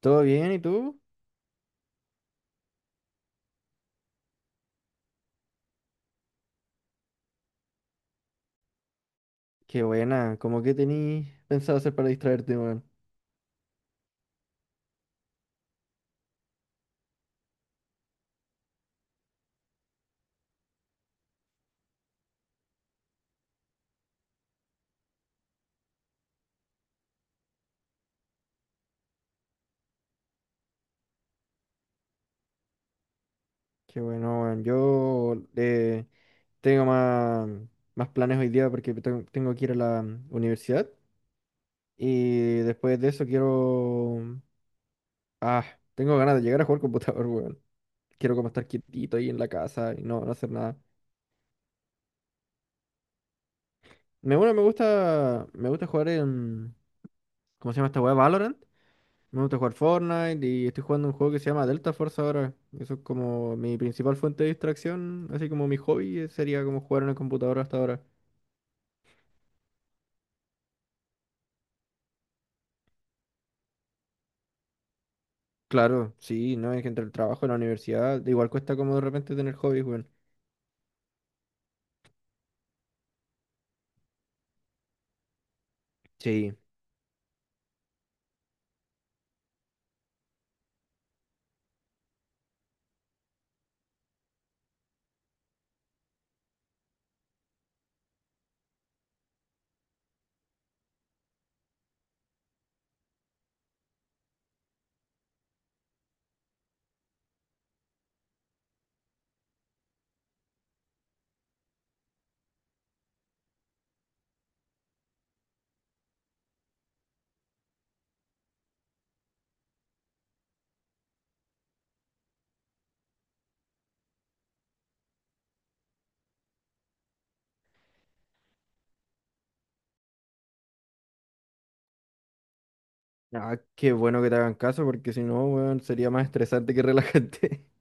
¿Todo bien? ¿Y tú? Qué buena. ¿Cómo que tenías pensado hacer para distraerte, weón? Qué bueno, weón. Yo tengo más planes hoy día porque tengo que ir a la universidad. Y después de eso quiero... Ah, tengo ganas de llegar a jugar computador, weón. Quiero como estar quietito ahí en la casa y no hacer nada. Bueno, me gusta jugar en... ¿Cómo se llama esta weá? ¿Valorant? Me gusta jugar Fortnite y estoy jugando un juego que se llama Delta Force ahora. Eso es como mi principal fuente de distracción, así como mi hobby sería como jugar en el computador hasta ahora. Claro, sí, no, es que entre el trabajo y la universidad, igual cuesta como de repente tener hobbies, weón. Sí. Ah, qué bueno que te hagan caso, porque si no, weón, sería más estresante que relajante.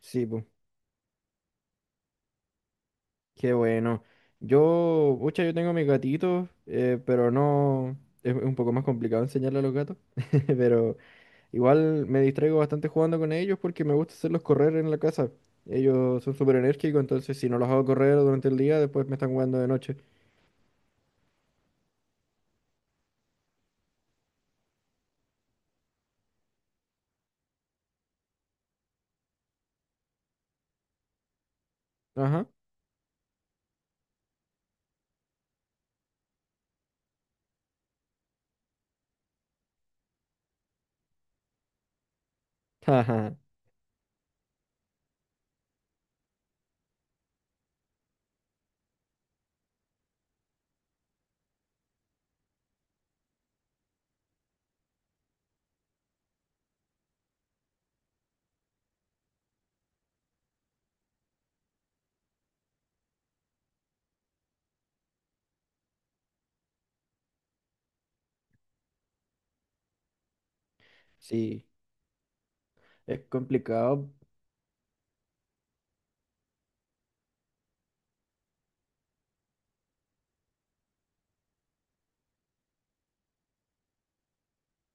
Sí, pues, qué bueno. Yo, pucha, yo tengo mis gatitos, pero no, es un poco más complicado enseñarle a los gatos, pero... Igual me distraigo bastante jugando con ellos porque me gusta hacerlos correr en la casa. Ellos son súper enérgicos, entonces si no los hago correr durante el día, después me están jugando de noche. Ajá. Ajá. Sí, es complicado.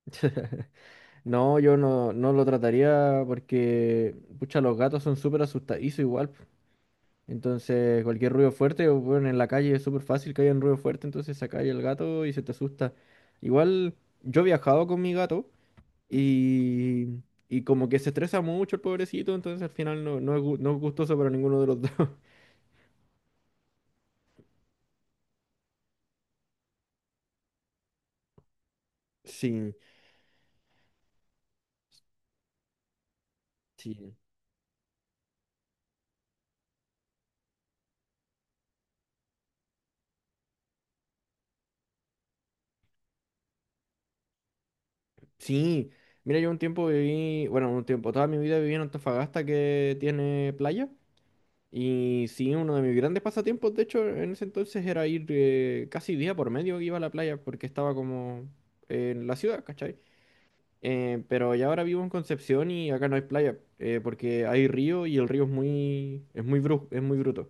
No, yo no, no lo trataría porque, pucha, los gatos son súper asustadizos igual. Po. Entonces, cualquier ruido fuerte, o, bueno, en la calle es súper fácil que haya un ruido fuerte, entonces se cae el gato y se te asusta. Igual, yo he viajado con mi gato Y, y como que se estresa mucho el pobrecito, entonces al final no es gustoso para ninguno de los dos. Sí, sí, sí. Mira, yo un tiempo viví, bueno, un tiempo, toda mi vida viví en Antofagasta que tiene playa. Y sí, uno de mis grandes pasatiempos, de hecho, en ese entonces era ir casi día por medio iba a la playa porque estaba como en la ciudad, ¿cachai? Pero ya ahora vivo en Concepción y acá no hay playa, porque hay río y el río es muy bruto.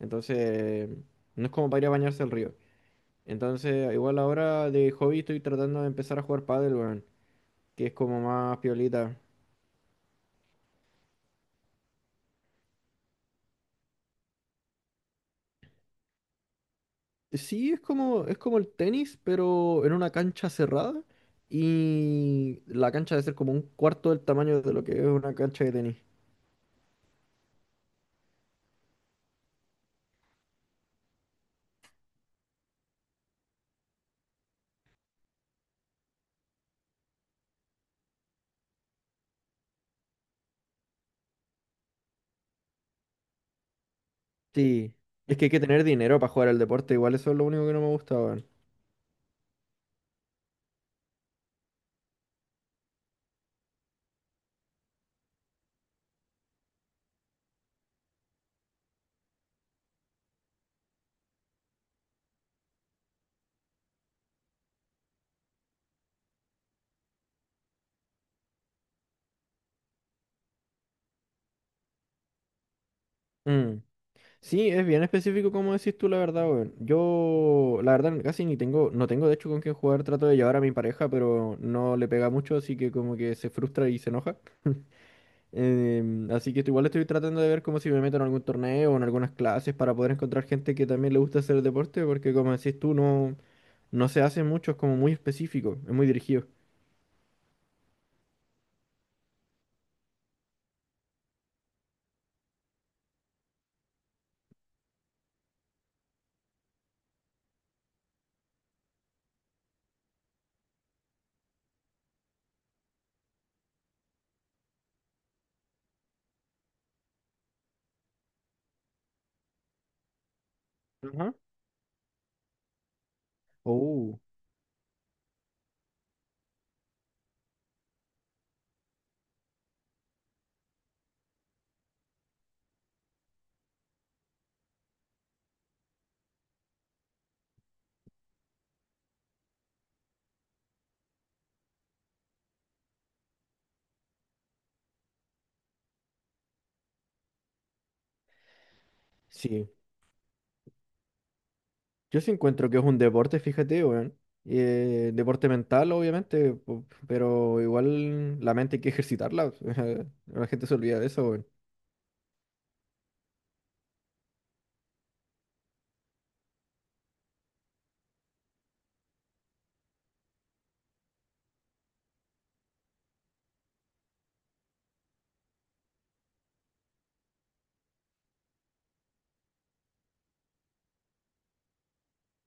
Entonces, no es como para ir a bañarse al río. Entonces, igual ahora de hobby estoy tratando de empezar a jugar pádel, weón, que es como más piolita. Sí, es como el tenis, pero en una cancha cerrada y la cancha debe ser como un cuarto del tamaño de lo que es una cancha de tenis. Sí, es que hay que tener dinero para jugar al deporte, igual eso es lo único que no me gusta, weón. Mm. Sí, es bien específico como decís tú, la verdad, weón. Yo, la verdad, casi ni tengo, no tengo de hecho con quién jugar, trato de llevar a mi pareja, pero no le pega mucho, así que como que se frustra y se enoja. Así que igual estoy tratando de ver como si me meto en algún torneo o en algunas clases para poder encontrar gente que también le gusta hacer el deporte, porque como decís tú, no, no se hace mucho, es como muy específico, es muy dirigido. Ajá. Oh, sí. Yo sí encuentro que es un deporte, fíjate, weón. Deporte mental, obviamente, po- pero igual la mente hay que ejercitarla. La gente se olvida de eso, weón.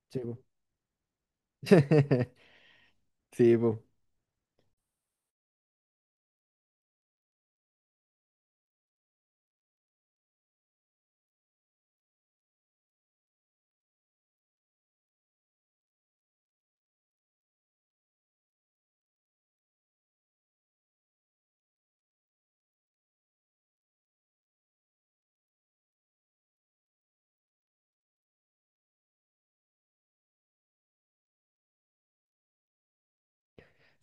Sí, po. Sí, po.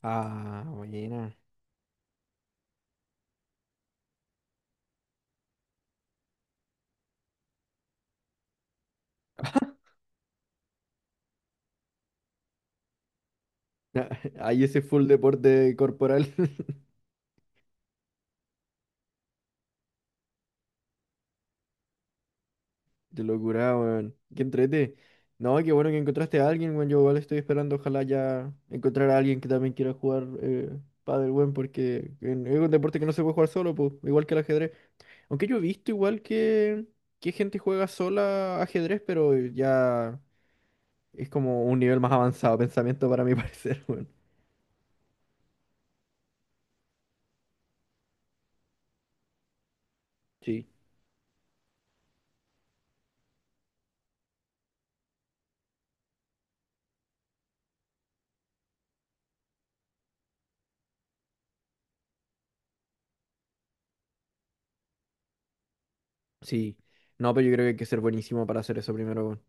Ah, buena. Ahí ese full deporte corporal. Qué locura, weón. Qué entrete. No, qué bueno que encontraste a alguien, weón. Yo igual estoy esperando, ojalá ya encontrar a alguien que también quiera jugar pádel, weón, porque en- es un deporte que no se puede jugar solo, pues, igual que el ajedrez. Aunque yo he visto que gente juega sola ajedrez, pero ya es como un nivel más avanzado de pensamiento para mi parecer, weón. Sí, sí. No, pero yo creo que hay que ser buenísimo para hacer eso primero, weón.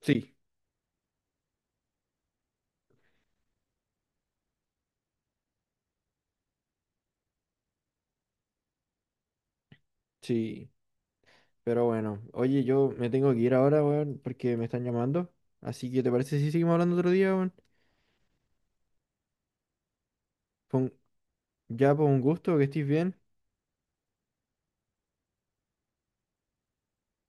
Sí, sí. Pero bueno, oye, yo me tengo que ir ahora, weón, porque me están llamando. Así que, ¿te parece si seguimos hablando otro día, weón? Fue un- Ya, por un gusto, que estés bien.